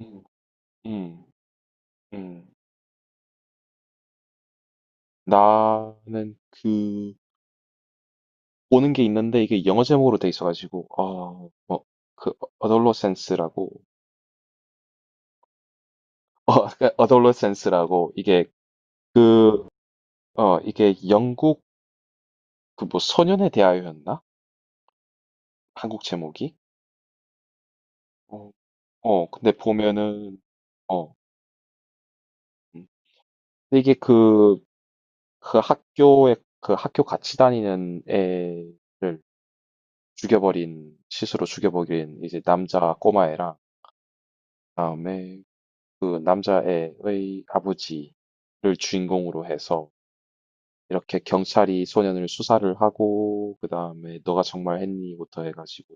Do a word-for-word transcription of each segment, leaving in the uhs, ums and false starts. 음, 음, 음. 나는 그 보는 게 있는데 이게 영어 제목으로 돼 있어가지고 어, 뭐, 그 어덜로센스라고 어, 어덜로센스라고 이게 그 어, 이게 영국 그 뭐 소년에 대하여였나? 한국 제목이? 어, 어, 근데 보면은 어, 음. 근데 이게 그 그 학교에 그 학교 같이 다니는 애를 죽여버린 시스로 죽여버린 이제 남자 꼬마애랑 그다음에 그 남자애의 아버지를 주인공으로 해서 이렇게 경찰이 소년을 수사를 하고 그 다음에 너가 정말 했니부터 해가지고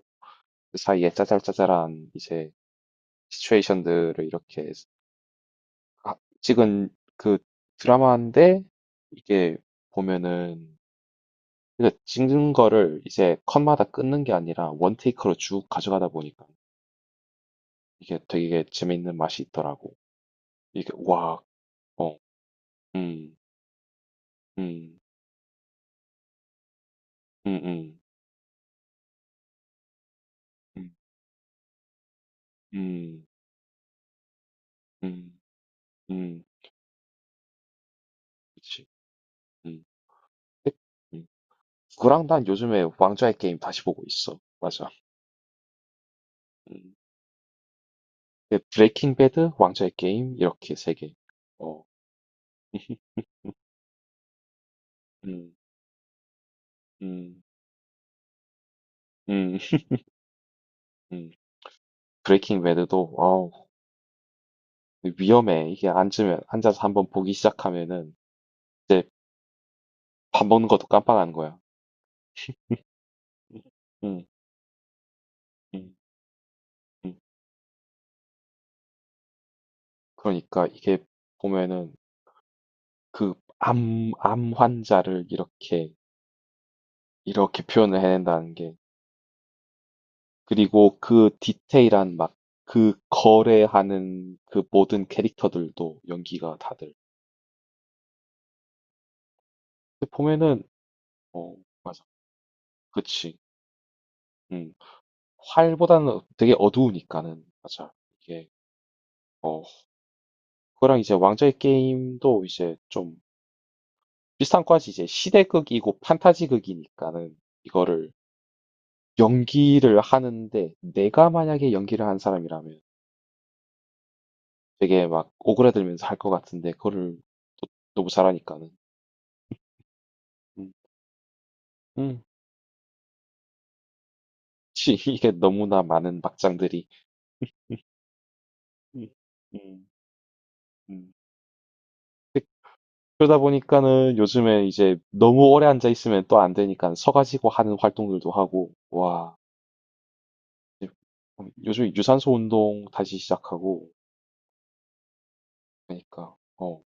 그 사이에 짜잘짜잘한 이제 시츄에이션들을 이렇게 하- 찍은 그 드라마인데 이게 보면은 근데 찍는 거를 이제 컷마다 끊는 게 아니라 원테이크로 쭉 가져가다 보니까 이게 되게 재밌는 맛이 있더라고. 이게 와, 어, 음, 음, 음, 음. 음. 음. 음. 음. 그치. 음. 근데 음. 그랑 난 요즘에 왕좌의 게임 다시 보고 있어. 맞아. 음. 근데 브레이킹 배드, 왕좌의 게임 이렇게 세 개. 어, 음. 음. 음. 음. 브레이킹 배드도 어우, 위험해. 이게 앉으면 앉아서 한번 보기 시작하면은 이제 밥 먹는 것도 깜빡하는 거야. 음. 음. 음. 그러니까 이게 보면은 그 암, 암 환자를 이렇게 이렇게 표현을 해낸다는 게 그리고 그 디테일한 막 그 거래하는 그 모든 캐릭터들도 연기가 다들. 근데 보면은, 어, 맞아. 그치. 음. 활보다는 되게 어두우니까는, 맞아. 이게, 어, 그거랑 이제 왕좌의 게임도 이제 좀 비슷한 과지 이제 시대극이고 판타지극이니까는 이거를 연기를 하는데 내가 만약에 연기를 한 사람이라면 되게 막 오그라들면서 할 것 같은데 그거를 또 너무 잘하니까는. 음. 음. 치, 이게 너무나 많은 막장들이. 음, 음, 음. 그러다 보니까는 요즘에 이제 너무 오래 앉아 있으면 또 안 되니까 서가지고 하는 활동들도 하고, 와, 요즘 유산소 운동 다시 시작하고, 그러니까, 어,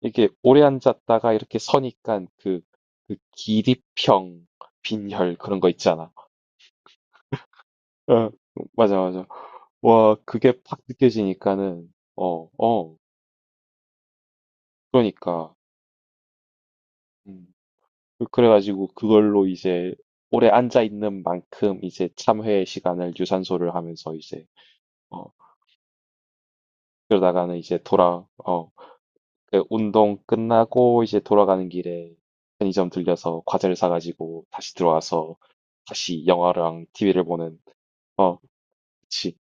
이게 오래 앉았다가 이렇게 서니까 그, 그 기립형, 빈혈 그런 거 있잖아. 어, 맞아, 맞아. 와, 그게 팍 느껴지니까는, 어, 어, 그러니까. 음. 그래가지고 그걸로 이제 오래 앉아 있는 만큼 이제 참회 시간을 유산소를 하면서 이제 어 그러다가는 이제 돌아 어그 운동 끝나고 이제 돌아가는 길에 편의점 들려서 과자를 사가지고 다시 들어와서 다시 영화랑 티비를 보는. 어, 그치.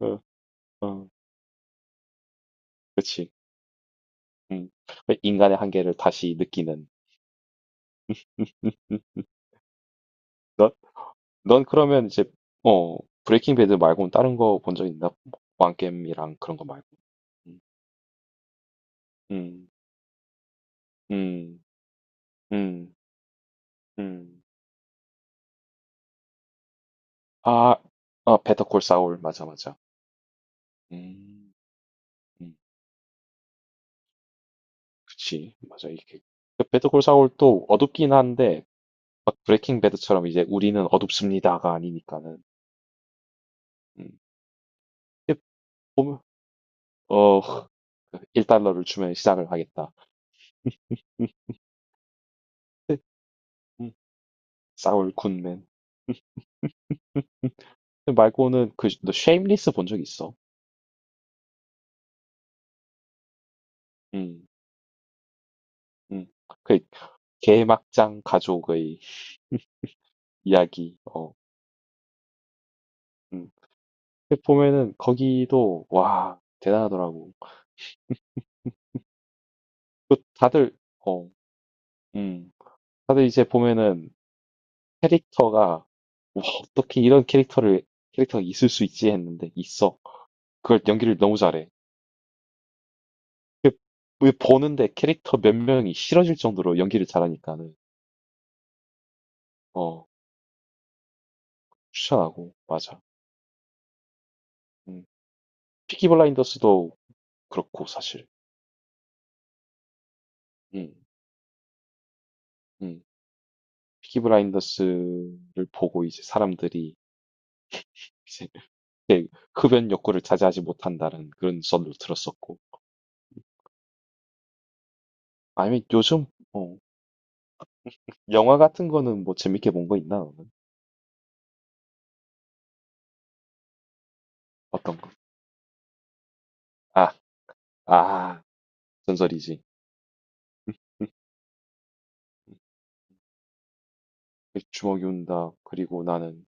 어, 어, 그치. 음. 그 인간의 한계를 다시 느끼는. 넌, 넌 그러면 이제 어 브레이킹 배드 말고는 다른 거 본 적 있나? 왕겜이랑 그런 거 말고. 음. 음, 음, 음, 음. 아, 어, 베터콜 사울, 맞아, 맞아. 음, 음, 그치, 맞아, 이게. 그 베터콜 사울도 어둡긴 한데, 막 브레이킹 배드처럼 이제 우리는 어둡습니다가 아니니까는. 음, 이게 보면, 어, 일 달러를 주면 시작을 하겠다. 음, 근데, 음, 사울 굿맨. 그 말고는 그, 너 쉐임리스 본 적 있어? 음, 음. 그, 개막장 가족의 이야기, 어, 음. 그 보면은 거기도 와 대단하더라고. 그 다들 어, 음, 다들 이제 보면은 캐릭터가 와 어떻게 이런 캐릭터를 캐릭터가 있을 수 있지 했는데 있어. 그걸 연기를 너무 잘해. 그, 왜 보는데 캐릭터 몇 명이 싫어질 정도로 연기를 잘하니까는 어 추천하고 맞아. 음. 피키 블라인더스도 그렇고 사실. 음, 음. 피키 블라인더스를 보고 이제 사람들이 이제 이렇게 흡연 욕구를 자제하지 못한다는 그런 썰도 들었었고. 아니면 요즘, 어, 영화 같은 거는 뭐 재밌게 본 거 있나, 너는? 어떤 거? 아, 아, 전설이지. 주먹이 운다. 그리고 나는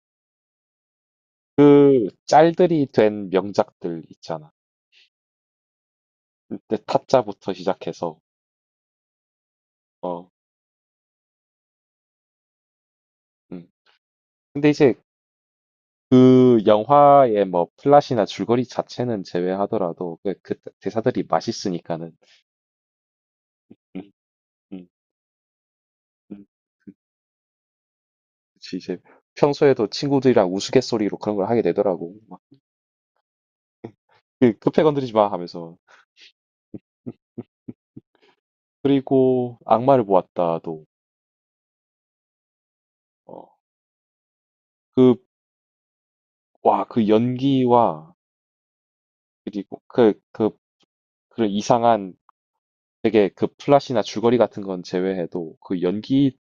그 짤들이 된 명작들 있잖아. 그때 타짜부터 시작해서, 어, 음. 근데 이제 그 영화의 뭐 플롯이나 줄거리 자체는 제외하더라도 그, 그 대사들이 맛있으니까는. 음, 음, 음. 그치, 이제 평소에도 친구들이랑 우스갯소리로 그런 걸 하게 되더라고. 막, 그, 급해 건드리지 마 하면서. 그리고 악마를 보았다도, 어, 그, 와, 그 연기와, 그리고 그, 그, 그런 이상한 되게 그 플롯이나 줄거리 같은 건 제외해도 그 연기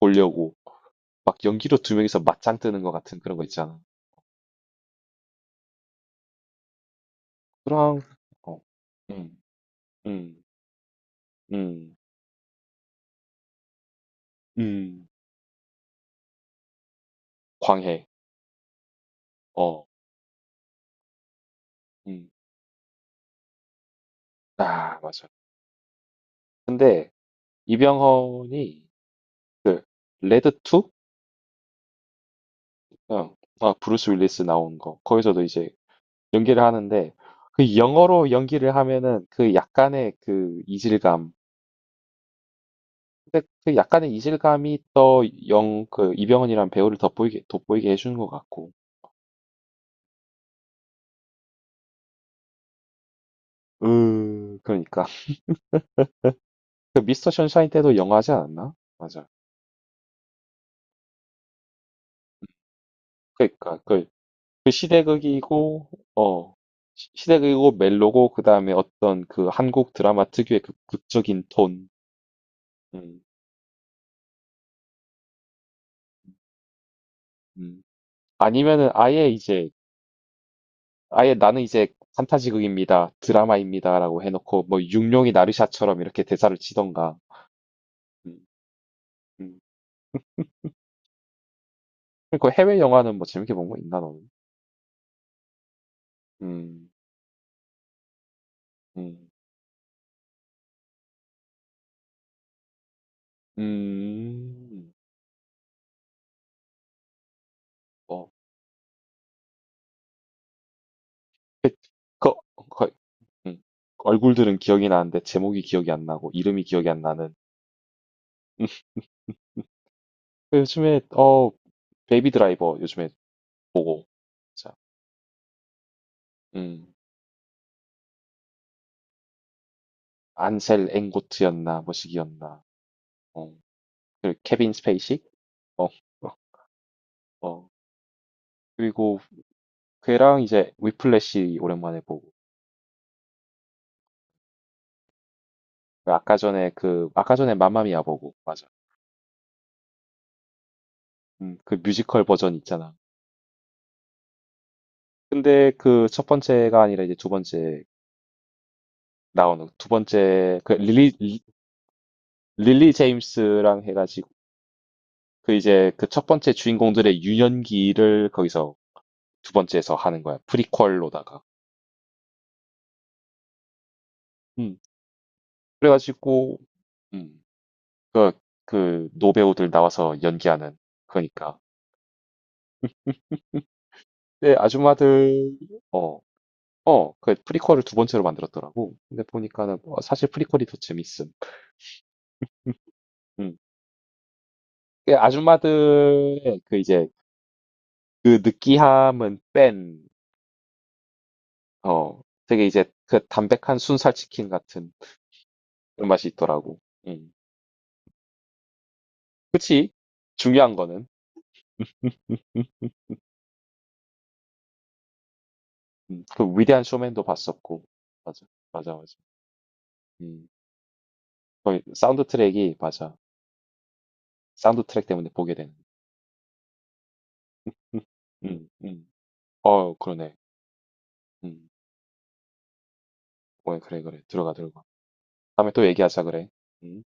보려고 막 연기로 두 명이서 맞짱 뜨는 것 같은 그런 거 있잖아. 그랑, 어, 음, 음, 음, 음, 광해, 어, 음, 아, 맞아. 근데 이병헌이 레드 투? 아, 브루스 윌리스 나온 거. 거기서도 이제 연기를 하는데 그 영어로 연기를 하면은 그 약간의 그 이질감. 근데 그 약간의 이질감이 또 영, 그 이병헌이란 배우를 돋보이게, 돋보이게 해주는 것 같고. 으, 그러니까. 그 미스터 션샤인 때도 영화하지 않았나? 맞아. 그러니까 그, 그 시대극이고, 어, 시- 시대극이고 멜로고 그다음에 어떤 그 한국 드라마 특유의 그 극적인 톤. 음, 음. 아니면은 아예 이제 아예 나는 이제 판타지극입니다. 드라마입니다라고 해놓고 뭐 육룡이 나르샤처럼 이렇게 대사를 치던가. 음, 음. 그리 해외 영화는 뭐 재밌게 본 거 있나 너는? 음, 음, 음, 어, 그, 그, 그, 음. 얼굴들은 기억이 나는데 제목이 기억이 안 나고 이름이 기억이 안 나는. 요즘에 어 베이비 드라이버 요즘에 보고 자, 음 안셀 앵고트였나 뭐시기였나. 어, 그 케빈 스페이시? 어, 어, 어. 그리고 걔랑 이제 위플래시 오랜만에 보고 그 아까 전에 그 아까 전에 맘마미아 보고 맞아. 음, 그 뮤지컬 버전 있잖아. 근데 그 첫 번째가 아니라 이제 두 번째 나오는 두 번째 그 릴리 리- 릴리 제임스랑 해가지고 그 이제 그 첫 번째 주인공들의 유년기를 거기서 두 번째에서 하는 거야. 프리퀄로다가. 음. 그래가지고 음. 그 그 노배우들 나와서 연기하는 그러니까. 네, 아줌마들, 어, 어, 그 프리퀄을 두 번째로 만들었더라고. 근데 보니까는 뭐 사실 프리퀄이 더 재밌음. 음. 그 아줌마들의 그 이제 그 느끼함은 뺀, 어, 되게 이제 그 담백한 순살치킨 같은 그런 맛이 있더라고. 음. 그치? 중요한 거는. 음, 음. 그 위대한 쇼맨도 봤었고. 맞아, 맞아, 맞아. 음. 거의 사운드 트랙이, 맞아. 사운드 트랙 때문에 보게 되는. 음, 음, 음. 어, 그러네. 음. 어, 그래, 그래. 들어가, 들어가. 다음에 또 얘기하자 그래. 응?